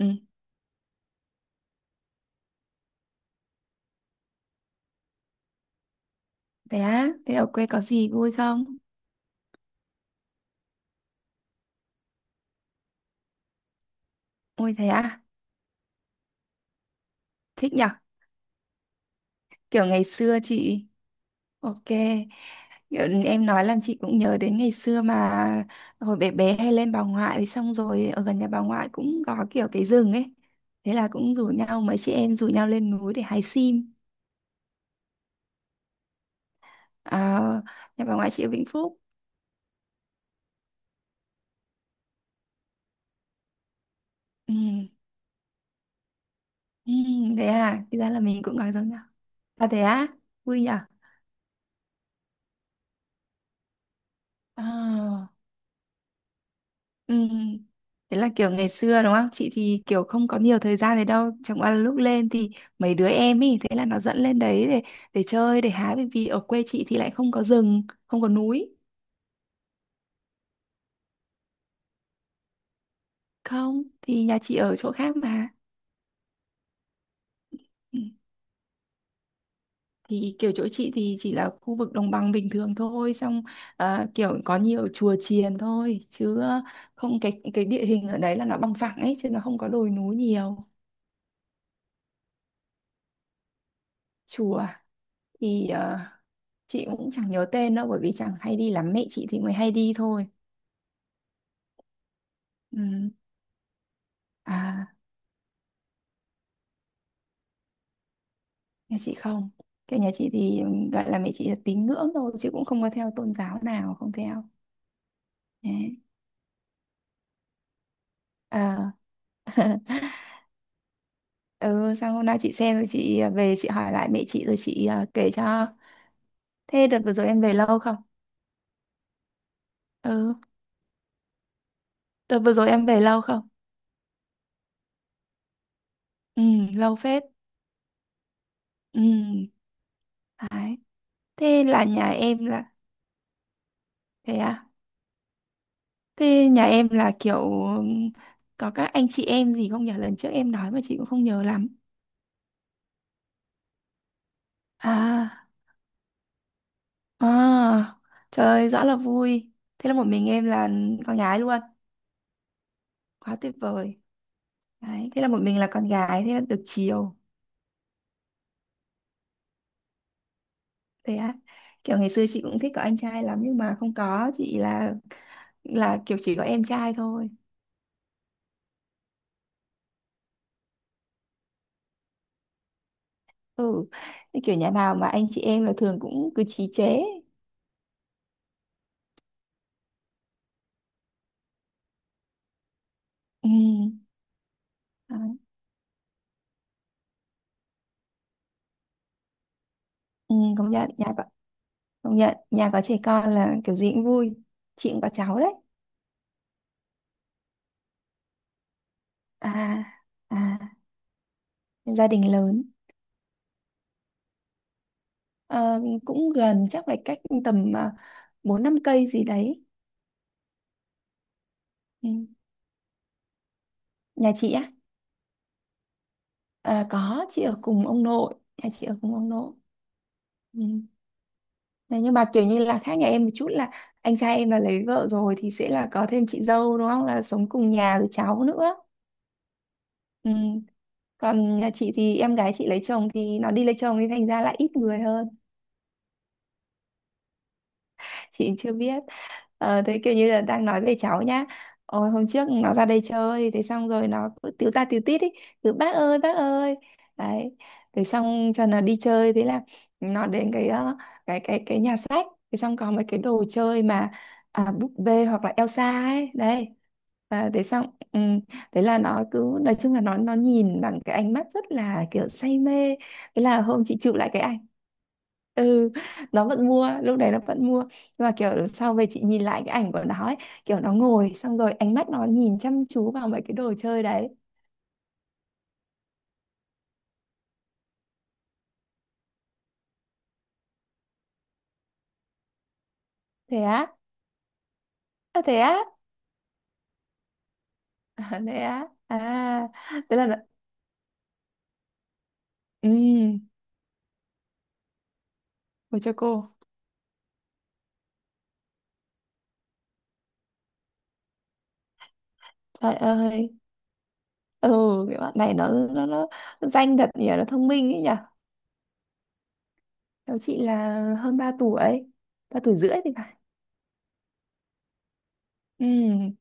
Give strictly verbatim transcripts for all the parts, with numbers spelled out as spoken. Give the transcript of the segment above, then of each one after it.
Ừ, thế á, thế ở quê có gì vui không? Ôi thế á, thích nhở, kiểu ngày xưa chị, ok, kiểu em nói làm chị cũng nhớ đến ngày xưa mà hồi bé bé hay lên bà ngoại thì xong rồi ở gần nhà bà ngoại cũng có kiểu cái rừng ấy, thế là cũng rủ nhau, mấy chị em rủ nhau lên núi để hái sim, à, nhà bà ngoại chị ở Vĩnh Phúc, ừ, ừ, thế à, thì ra là mình cũng nói giống nhau, à thế á, vui nhở, à. Ừ. Thế là kiểu ngày xưa đúng không? Chị thì kiểu không có nhiều thời gian đấy đâu. Chẳng qua là lúc lên thì mấy đứa em ý, thế là nó dẫn lên đấy để để chơi, để hái. Bởi vì ở quê chị thì lại không có rừng, không có núi. Không, thì nhà chị ở chỗ khác mà. Ừ. Thì kiểu chỗ chị thì chỉ là khu vực đồng bằng bình thường thôi. Xong à, kiểu có nhiều chùa chiền thôi. Chứ ờ, không cái cái địa hình ở đấy là nó bằng phẳng ấy. Chứ nó không có đồi núi nhiều. Chùa thì ờ, chị cũng chẳng nhớ tên đâu bởi vì chẳng hay đi lắm mẹ chị thì mới hay đi thôi ừ. À, nhà chị không, kiểu nhà chị thì ừm, gọi là mẹ chị là tín ngưỡng thôi chứ cũng không có theo tôn giáo nào, không theo. Đấy. À, ừ sang hôm nay chị xem rồi chị à, về chị hỏi lại mẹ chị rồi chị à, kể cho thế đợt vừa rồi em về lâu không. Ừ, đợt vừa rồi em về lâu không. Ừ, lâu phết. Ừ, đấy, thế là nhà em là thế à. Thế nhà em là kiểu có các anh chị em gì không nhỉ? Lần trước em nói mà chị cũng không nhớ lắm. À, à, trời ơi, rõ là vui. Thế là một mình em là con gái luôn. Quá tuyệt vời. Đấy, thế là một mình là con gái, thế là được chiều. Thế á. Kiểu ngày xưa chị cũng thích có anh trai lắm nhưng mà không có, chị là là kiểu chỉ có em trai thôi. Ừ. Thế kiểu nhà nào mà anh chị em là thường cũng cứ chí chế. Ừ. Đấy. Ừ, công nhận nhà công nhận nhà có trẻ con là kiểu gì cũng vui, chị cũng có cháu đấy. À, à, gia đình lớn. Ờ, cũng gần, chắc phải cách tầm à, bốn năm cây gì đấy. Ừ. Nhà chị á, à, có chị ở cùng ông nội, nhà chị ở cùng ông nội. Ừ. Thế nhưng mà kiểu như là khác nhà em một chút là anh trai em là lấy vợ rồi thì sẽ là có thêm chị dâu đúng không, là sống cùng nhà rồi cháu nữa. Ừ, còn nhà chị thì em gái chị lấy chồng, thì nó đi lấy chồng thì thành ra là ít người hơn. Chị chưa biết. Ờ, thế kiểu như là đang nói về cháu nhá. Ôi, hôm trước nó ra đây chơi thế xong rồi nó cứ tíu ta tíu tít ý, cứ bác ơi bác ơi, đấy, thế xong cho nó đi chơi thế là nó đến cái ờ, cái cái cái nhà sách, thế xong có mấy cái đồ chơi mà à, búp bê hoặc là Elsa ấy đấy. À, thế xong ừ, thế là nó cứ, nói chung là nó nó nhìn bằng cái ánh mắt rất là kiểu say mê, thế là hôm chị chụp lại cái ảnh. Ừ, nó vẫn mua, lúc đấy nó vẫn mua, nhưng mà kiểu sau về chị nhìn lại cái ảnh của nó ấy, kiểu nó ngồi xong rồi ánh mắt nó nhìn chăm chú vào mấy cái đồ chơi đấy. Thế á. À, thế á. À, thế á. À, thế là nó... ừm, ôi cho cô, trời ơi. Ừ, cái bạn này nó nó, nó, danh thật nhỉ, nó thông minh ấy nhỉ. Cháu chị là hơn ba tuổi, ba tuổi rưỡi thì phải. Ừ,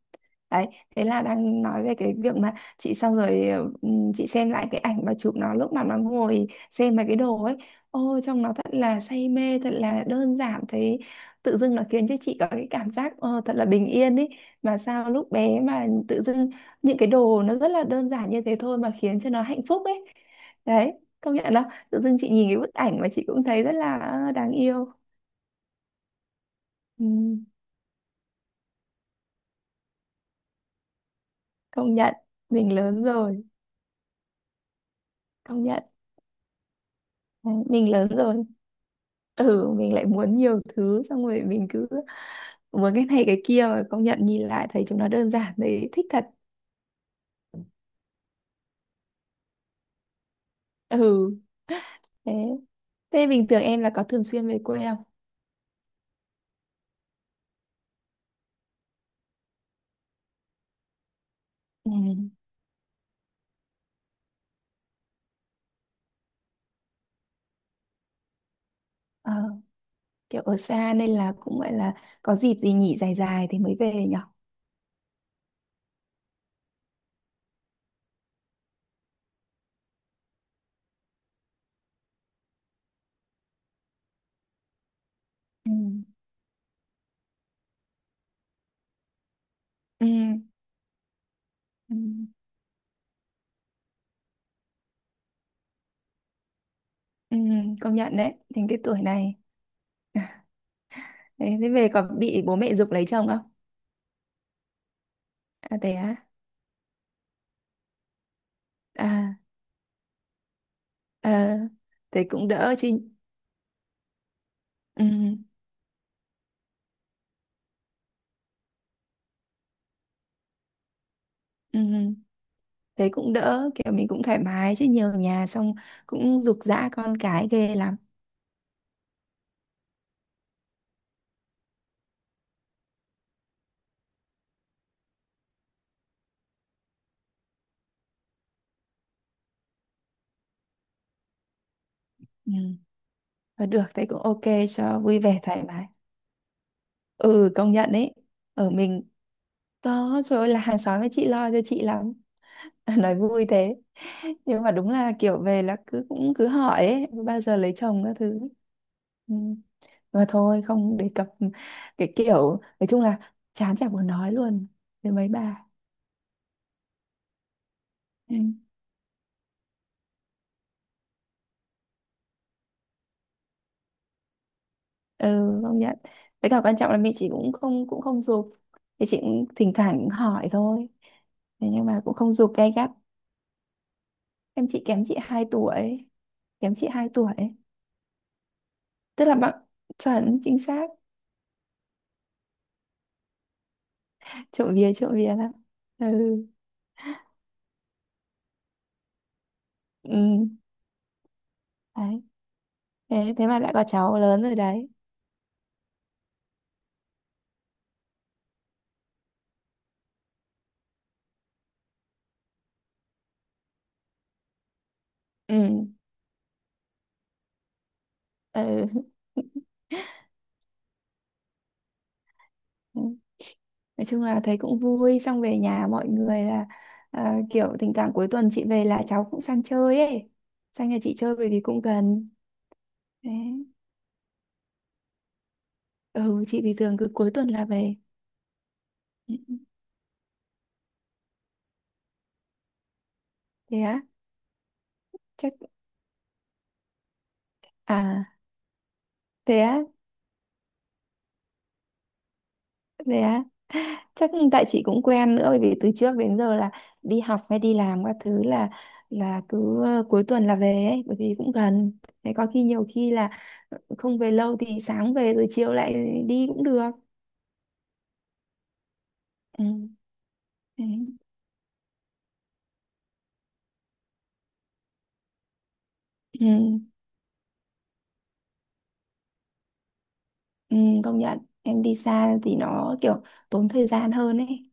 đấy, thế là đang nói về cái việc mà chị xong rồi. Ừm, chị xem lại cái ảnh mà chụp nó lúc mà nó ngồi xem mấy cái đồ ấy, ôi trông nó thật là say mê, thật là đơn giản thấy, tự dưng nó khiến cho chị có cái cảm giác ờ, thật là bình yên ấy. Mà sao lúc bé mà tự dưng những cái đồ nó rất là đơn giản như thế thôi mà khiến cho nó hạnh phúc ấy. Đấy, công nhận đó, tự dưng chị nhìn cái bức ảnh mà chị cũng thấy rất là ờ, đáng yêu. Ừm, công nhận, mình lớn rồi, công nhận. Đấy, mình lớn rồi, ừ mình lại muốn nhiều thứ xong rồi mình cứ muốn cái này cái kia, mà công nhận nhìn lại thấy chúng nó đơn giản đấy, thích thật. Ừ, thế thế bình thường em là có thường xuyên về quê không. Ừ. Ờ, kiểu ở xa nên là cũng gọi là có dịp gì nghỉ dài dài thì mới về nhở. Ừ. Ừ. Ừ. Ừ, công nhận đấy, đến cái tuổi này, đấy, thế về có bị bố mẹ giục lấy chồng không. À thế á. À. Ờ, thế cũng đỡ chứ. Ừ. Ừ. Ừ, thế cũng đỡ, kiểu mình cũng thoải mái chứ nhiều nhà xong cũng giục giã con cái ghê lắm. Ừ, và được thế cũng ok, cho vui vẻ thoải mái. Ừ, công nhận ấy, ở mình có, trời ơi là hàng xóm với chị lo cho chị lắm. Nói vui thế, nhưng mà đúng là kiểu về là cứ cũng cứ hỏi ấy, bao giờ lấy chồng các thứ. Ừ, mà thôi không đề cập, cái kiểu nói chung là chán chả muốn nói luôn với mấy bà. Ừ. Ừ, công nhận, với cả quan trọng là mẹ chị cũng không cũng không giục, thì chị cũng thỉnh thoảng cũng hỏi thôi, thế nhưng mà cũng không giục gay gắt. Em chị kém chị hai tuổi, kém chị hai tuổi, tức là bạn, chuẩn chính xác, trộm vía trộm vía lắm. Ừ. Ừ, đấy, thế thế mà đã có cháu lớn rồi đấy. Ừ. Ừ. Nói chung là thấy cũng vui, xong về nhà mọi người là à, kiểu thỉnh thoảng cuối tuần chị về là cháu cũng sang chơi ấy, sang nhà chị chơi bởi vì cũng gần. Đấy. Ừ, chị thì thường cứ cuối tuần là về. Ừ, ừ. Thế á. Chắc, à thế á, thế á, chắc tại chị cũng quen nữa bởi vì từ trước đến giờ là đi học hay đi làm các thứ là là cứ ờ, cuối tuần là về ấy, bởi vì cũng gần, thế có khi nhiều khi là không về lâu thì sáng về rồi chiều lại đi cũng được. Ừ. Đấy. Ừ. Ừ, công nhận em đi xa thì nó kiểu tốn thời gian hơn ấy.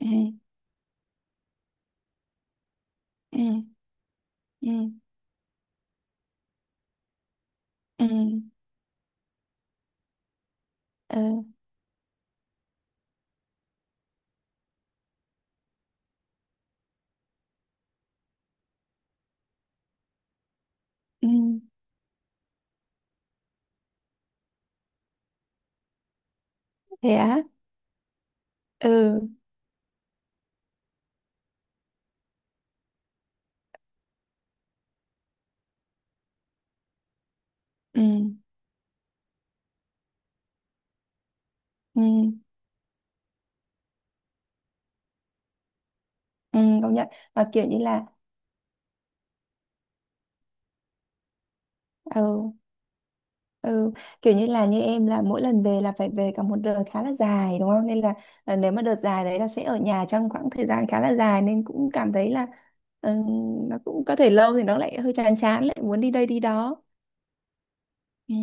Ừ, ừ, ừ, ừ, ừ, ừ. Thế á. Ừ, ừ, ừ, ừ, công nhận, và kiểu như là ừ, ừ, kiểu như là như em là mỗi lần về là phải về cả một đợt khá là dài đúng không, nên là ờ, nếu mà đợt dài đấy là sẽ ở nhà trong khoảng thời gian khá là dài, nên cũng cảm thấy là ừ, nó cũng có thể lâu thì nó lại hơi chán chán, lại muốn đi đây đi đó. Ừ,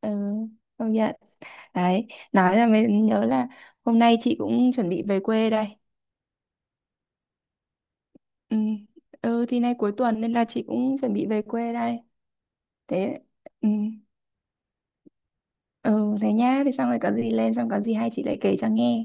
ừ, công nhận. Đấy, nói là mới nhớ là hôm nay chị cũng chuẩn bị về quê đây. Ừ, ừ thì nay cuối tuần nên là chị cũng chuẩn bị về quê đây. Thế, ừ, ừ thế nhá, thì xong rồi có gì lên, xong có gì hay chị lại kể cho nghe.